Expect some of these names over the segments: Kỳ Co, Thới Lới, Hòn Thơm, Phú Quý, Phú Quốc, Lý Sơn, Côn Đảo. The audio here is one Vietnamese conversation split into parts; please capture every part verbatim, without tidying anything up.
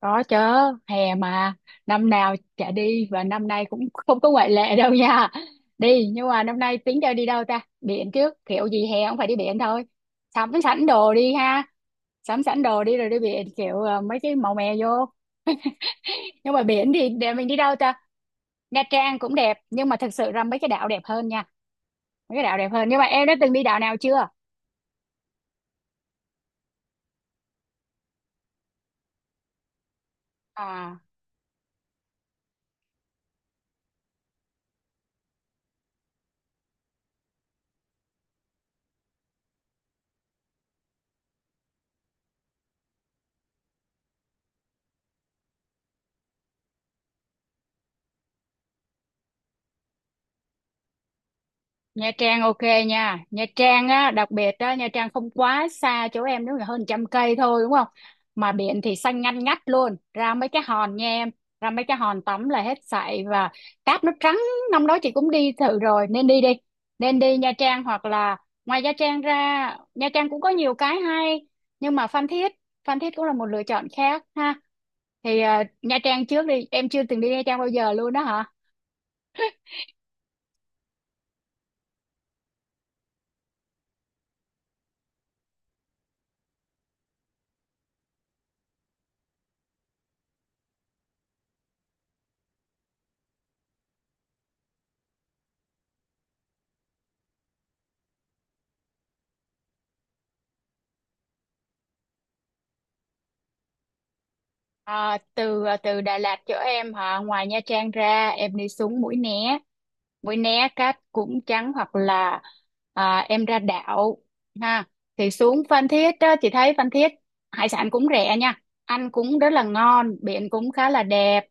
Có chứ, hè mà năm nào chả đi và năm nay cũng không có ngoại lệ đâu nha. Đi nhưng mà năm nay tính cho đi đâu ta? Biển trước, kiểu gì hè cũng phải đi biển thôi. Sắm sẵn đồ đi ha, sắm sẵn đồ đi rồi đi biển kiểu ờ, mấy cái màu mè vô. Nhưng mà biển thì để mình đi đâu ta? Nha Trang cũng đẹp nhưng mà thật sự ra mấy cái đảo đẹp hơn nha. Mấy cái đảo đẹp hơn. Nhưng mà em đã từng đi đảo nào chưa? À, Nha Trang ok nha. Nha Trang á đặc biệt á, Nha Trang không quá xa chỗ em, nếu là hơn trăm cây thôi, đúng không? Mà biển thì xanh ngăn ngắt luôn, ra mấy cái hòn nha em, ra mấy cái hòn tắm là hết sảy. Và cát nó trắng, năm đó chị cũng đi thử rồi, nên đi đi, nên đi Nha Trang. Hoặc là ngoài Nha Trang ra, Nha Trang cũng có nhiều cái hay, nhưng mà Phan Thiết, Phan Thiết cũng là một lựa chọn khác ha. Thì à, Nha Trang trước đi, em chưa từng đi Nha Trang bao giờ luôn đó hả? À, từ ờ, từ Đà Lạt chỗ em hả, ngoài Nha Trang ra em đi xuống Mũi Né. Mũi Né cát cũng trắng, hoặc là à, em ra đảo ha. Thì xuống Phan Thiết á, chị thấy Phan Thiết hải sản cũng rẻ nha, ăn cũng rất là ngon, biển cũng khá là đẹp.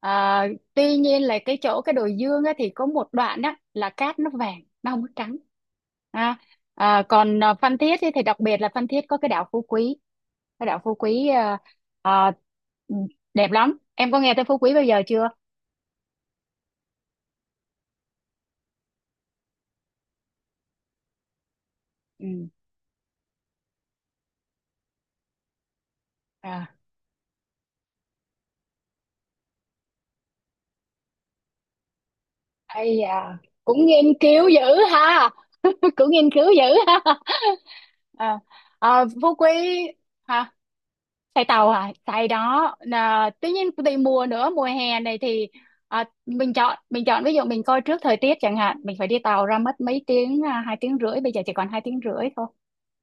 à, Tuy nhiên là cái chỗ cái đồi Dương á, thì có một đoạn á là cát nó vàng, nó không có trắng ha. à, còn à, Phan Thiết thì, thì đặc biệt là Phan Thiết có cái đảo Phú Quý, cái đảo Phú Quý ờ, Ờ, ừ, đẹp lắm, em có nghe tới Phú Quý bao giờ chưa? Ừ. à, Ây à, cũng nghiên cứu dữ ha. Cũng nghiên cứu dữ ha. à, ờ, Phú Quý hả? Xài tàu à? Xài đó. Là, tuy nhiên tùy mùa nữa, mùa hè này thì à, mình chọn mình chọn ví dụ mình coi trước thời tiết chẳng hạn, mình phải đi tàu ra mất mấy tiếng, à, hai tiếng rưỡi, bây giờ chỉ còn hai tiếng rưỡi thôi.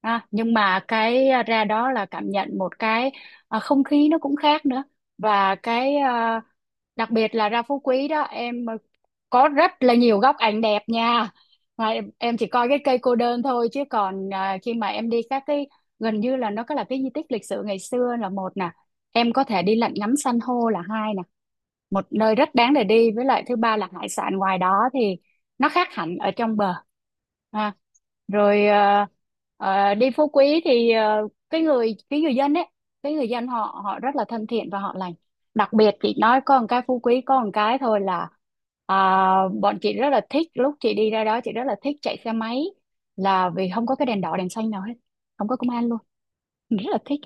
À, nhưng mà cái à, ra đó là cảm nhận một cái, à, không khí nó cũng khác nữa. Và cái à, đặc biệt là ra Phú Quý đó em, có rất là nhiều góc ảnh đẹp nha. Mà em, em chỉ coi cái cây cô đơn thôi, chứ còn à, khi mà em đi các cái, gần như là nó có là cái di tích lịch sử ngày xưa là một nè, em có thể đi lặn ngắm san hô là hai nè, một nơi rất đáng để đi. Với lại thứ ba là hải sản ngoài đó thì nó khác hẳn ở trong bờ ha. Rồi ờ, ờ, đi Phú Quý thì ờ, cái người, cái người dân ấy, cái người dân họ họ rất là thân thiện và họ lành. Đặc biệt chị nói có một cái Phú Quý có một cái thôi, là à, bọn chị rất là thích, lúc chị đi ra đó chị rất là thích chạy xe máy, là vì không có cái đèn đỏ đèn xanh nào hết, không có công an luôn, rất là thích.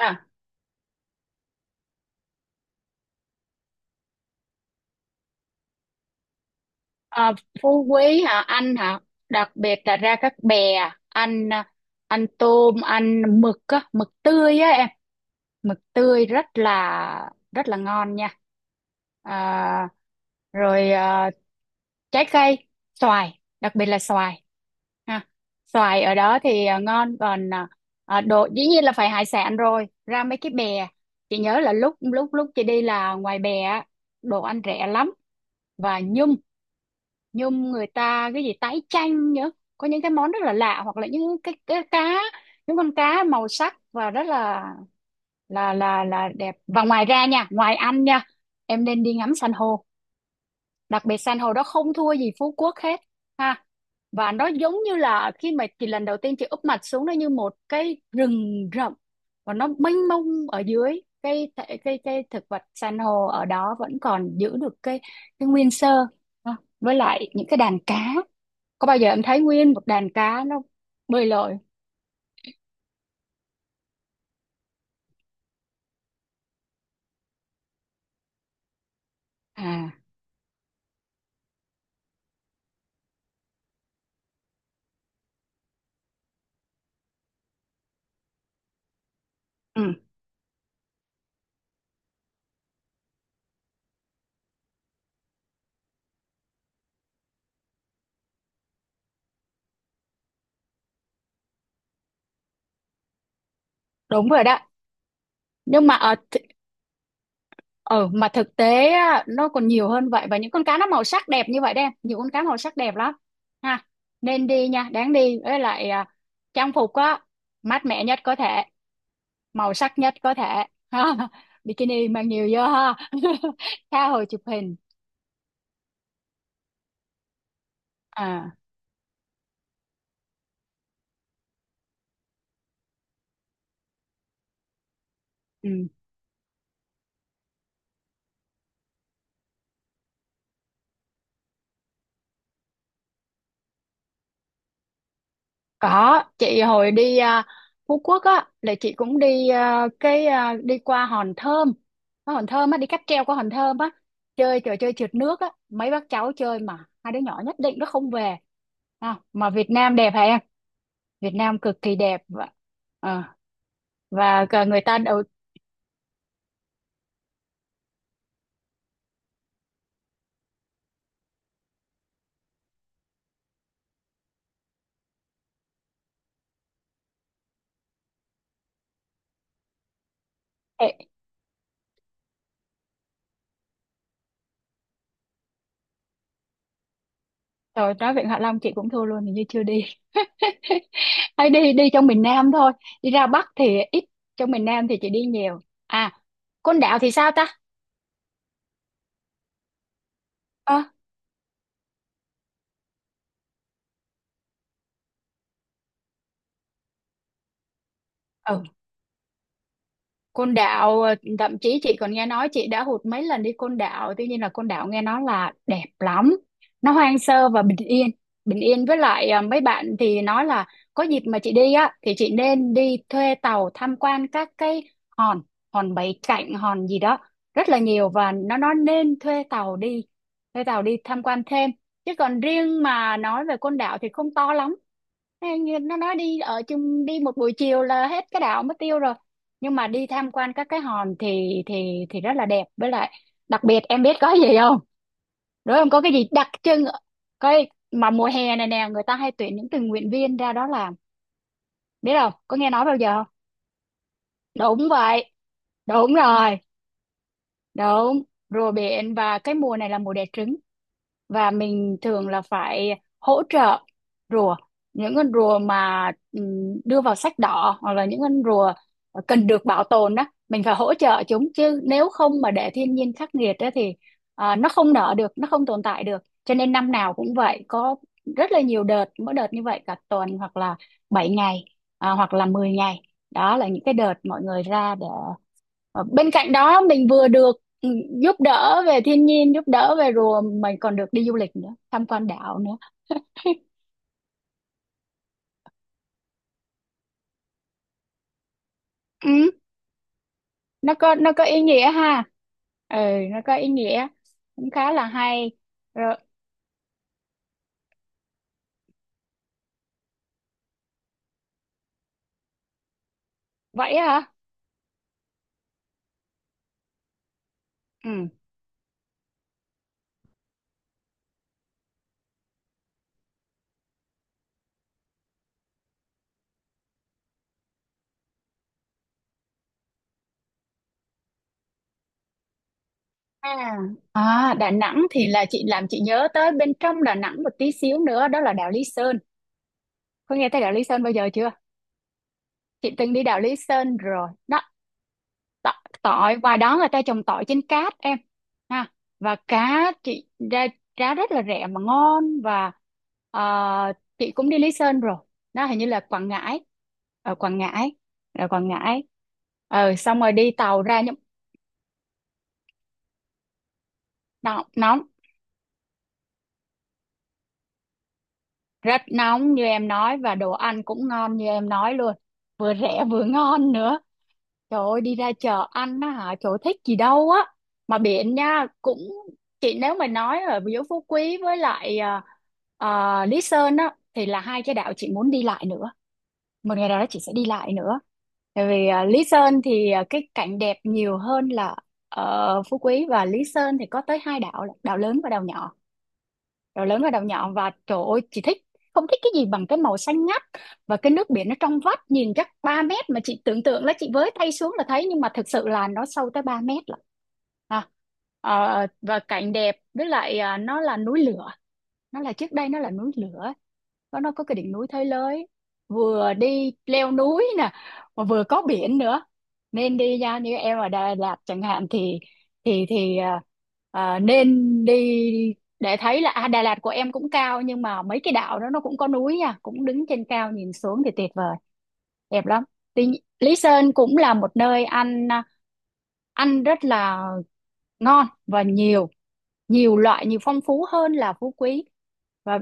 Em? Ờ, Phú Quý hả anh hả? Đặc biệt là ra các bè, anh à, anh tôm anh mực á, mực tươi á em, mực tươi rất là rất là ngon nha. À, rồi à, trái cây, xoài, đặc biệt là xoài ha. Xoài ở đó thì à, ngon. Còn à, à, đồ dĩ nhiên là phải hải sản rồi, ra mấy cái bè. Chị nhớ là lúc lúc lúc chị đi là ngoài bè á, đồ ăn rẻ lắm. Và nhum, nhum người ta cái gì tái chanh nhớ, có những cái món rất là lạ. Hoặc là những cái, cái cá, những con cá màu sắc và rất là là là là đẹp. Và ngoài ra nha, ngoài ăn nha, em nên đi ngắm san hô, đặc biệt xanh hồi đó không thua gì Phú Quốc hết ha. Và nó giống như là khi mà chị lần đầu tiên chị úp mặt xuống, nó như một cái rừng rậm và nó mênh mông. Ở dưới cái, thể- cái cái thực vật san hô ở đó vẫn còn giữ được cái cái nguyên sơ ha. Với lại những cái đàn cá, có bao giờ em thấy nguyên một đàn cá nó bơi lội? À. Ừ, đúng rồi đó. Nhưng mà ở— Ờ, mà thực tế á, nó còn nhiều hơn vậy, và những con cá nó màu sắc đẹp như vậy đấy em, nhiều con cá màu sắc đẹp lắm ha. Nên đi nha, đáng đi. Với lại à, trang phục á mát mẻ nhất có thể, màu sắc nhất có thể. Ha. Bikini mang nhiều vô ha. Tha hồ chụp hình. À. Ừ. Có, chị hồi đi à, Phú Quốc á, là chị cũng đi à, cái à, đi qua Hòn Thơm. Có Hòn Thơm á, đi cáp treo qua Hòn Thơm á, chơi trò chơi trượt nước á, mấy bác cháu chơi mà hai đứa nhỏ nhất định nó không về. À, mà Việt Nam đẹp hả em? Việt Nam cực kỳ đẹp, và ờ, và cả người ta đầu— Ê, rồi nói Vịnh Hạ Long chị cũng thua luôn, hình như chưa đi. Hay đi đi trong miền Nam thôi, đi ra Bắc thì ít, trong miền Nam thì chị đi nhiều. À, Côn Đảo thì sao ta? Ờ. Ừ. Côn Đảo, ờ, thậm chí chị còn nghe nói, chị đã hụt mấy lần đi Côn Đảo. Tuy nhiên là Côn Đảo nghe nói là đẹp lắm, nó hoang sơ và bình yên, bình yên. Với lại ờ, mấy bạn thì nói là có dịp mà chị đi á thì chị nên đi thuê tàu tham quan các cái hòn, hòn Bảy Cạnh, hòn gì đó rất là nhiều. Và nó nó nên thuê tàu đi, thuê tàu đi tham quan thêm. Chứ còn riêng mà nói về Côn Đảo thì không to lắm. Ê, như nó nói đi ở chung, đi một buổi chiều là hết cái đảo mất tiêu rồi. Nhưng mà đi tham quan các cái hòn thì thì thì rất là đẹp. Với lại đặc biệt em biết có gì không? Đúng không, có cái gì đặc trưng, coi mà mùa hè này nè người ta hay tuyển những tình nguyện viên ra đó làm. Biết không, có nghe nói bao giờ không? Đúng vậy, đúng rồi, đúng. Rùa biển, và cái mùa này là mùa đẻ trứng, và mình thường là phải hỗ trợ rùa, những con rùa mà ừm, đưa vào sách đỏ, hoặc là những con rùa cần được bảo tồn đó, mình phải hỗ trợ chúng. Chứ nếu không mà để thiên nhiên khắc nghiệt đó thì à, nó không nở được, nó không tồn tại được. Cho nên năm nào cũng vậy, có rất là nhiều đợt, mỗi đợt như vậy cả tuần hoặc là bảy ngày, à, hoặc là mười ngày. Đó là những cái đợt mọi người ra để— Ờ, bên cạnh đó mình vừa được ừ, giúp đỡ về thiên nhiên, giúp đỡ về rùa, mình còn được đi du lịch nữa, tham quan đảo nữa. Ừ, nó có nó có ý nghĩa ha. Ừ, nó có ý nghĩa. Cũng khá là hay. Rồi, vậy hả? Ừ. À, à, Đà Nẵng thì là chị làm chị nhớ tới bên trong Đà Nẵng một tí xíu nữa, đó là đảo Lý Sơn. Có nghe tới đảo Lý Sơn bao giờ chưa? Chị từng đi đảo Lý Sơn rồi. Nó Tọ- tỏi ngoài đó người ta trồng tỏi trên cát em ha. Và cá chị ra giá rất là rẻ mà ngon. Và ờ, chị cũng đi Lý Sơn rồi. Đó hình như là Quảng Ngãi, ở Quảng Ngãi, ở Quảng Ngãi. Ờ, xong rồi đi tàu ra những— Nóng, nóng, rất nóng như em nói, và đồ ăn cũng ngon như em nói luôn, vừa rẻ vừa ngon nữa. Trời ơi, đi ra chợ ăn á hả? Trời ơi, thích gì đâu á. Mà biển nha, cũng— chị nếu mà nói ở giữa Phú Quý với lại à, à, Lý Sơn á, thì là hai cái đảo chị muốn đi lại nữa. Một ngày nào đó chị sẽ đi lại nữa. Tại vì à, Lý Sơn thì à, cái cảnh đẹp nhiều hơn là ở Phú Quý. Và Lý Sơn thì có tới hai đảo, là đảo lớn và đảo nhỏ, rồi lớn ở đầu nhọn. Và trời ơi chị thích, không thích cái gì bằng cái màu xanh ngắt và cái nước biển nó trong vắt, nhìn chắc ba mét mà chị tưởng tượng là chị với tay xuống là thấy, nhưng mà thực sự là nó sâu tới ba mét lận. à, ờ, và cảnh đẹp, với lại à, nó là núi lửa, nó là trước đây nó là núi lửa. Nó nó có cái đỉnh núi Thới Lới, vừa đi leo núi nè mà vừa có biển nữa. Nên đi ra, như em ở Đà Lạt chẳng hạn thì thì thì à, à, nên đi, để thấy là à, Đà Lạt của em cũng cao nhưng mà mấy cái đảo đó nó cũng có núi nha, cũng đứng trên cao nhìn xuống thì tuyệt vời, đẹp lắm. Tuy, nhi- Lý Sơn cũng là một nơi ăn, à, ăn rất là ngon và nhiều, nhiều loại, nhiều phong phú hơn là Phú Quý. Và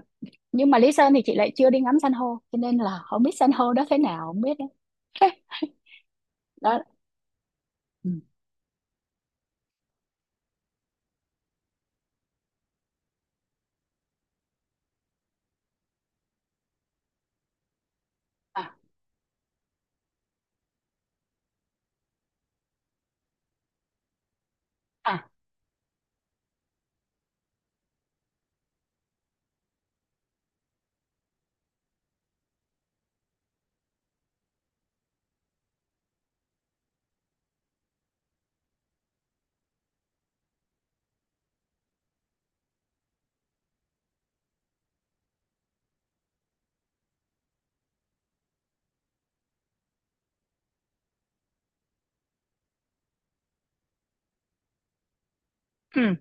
nhưng mà Lý Sơn thì chị lại chưa đi ngắm san hô, cho nên là không biết san hô đó thế nào, không biết đấy. Đó. Ừ. À. À. Ừ.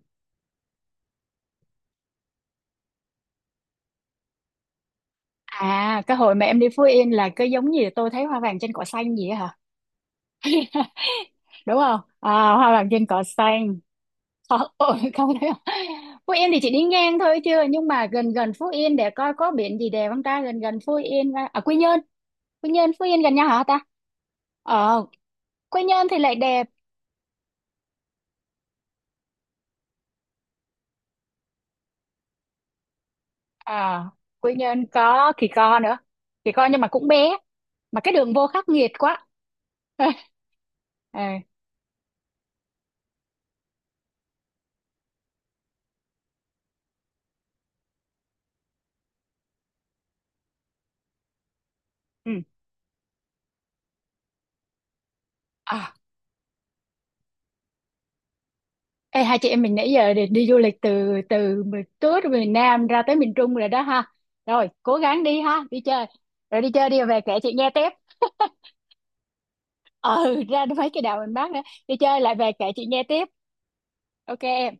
À, cái hồi mà em đi Phú Yên là cứ giống như tôi thấy hoa vàng trên cỏ xanh gì á hả, đúng không? À, hoa vàng trên cỏ xanh. Ờ, ôi, không thấy không? Phú Yên thì chị đi ngang thôi chưa, nhưng mà gần gần Phú Yên để coi có biển gì đẹp không ta, gần gần Phú Yên ra— à, Quy Nhơn. Quy Nhơn Phú Yên gần nhau hả ta? Ờ. Quy Nhơn thì lại đẹp. À, Quy Nhơn có Kỳ Co nữa. Kỳ Co nhưng mà cũng bé, mà cái đường vô khắc nghiệt quá. Ờ. Ừ. à, Ê, hai chị em mình nãy giờ đi, đi du lịch từ từ miền- tới từ miền Nam ra tới miền Trung rồi đó ha. Rồi, cố gắng đi ha, đi chơi. Rồi đi chơi đi về kể chị nghe tiếp. Ừ, ra mấy cái đảo miền Bắc nữa. Đi chơi lại về kể chị nghe tiếp. Ok em.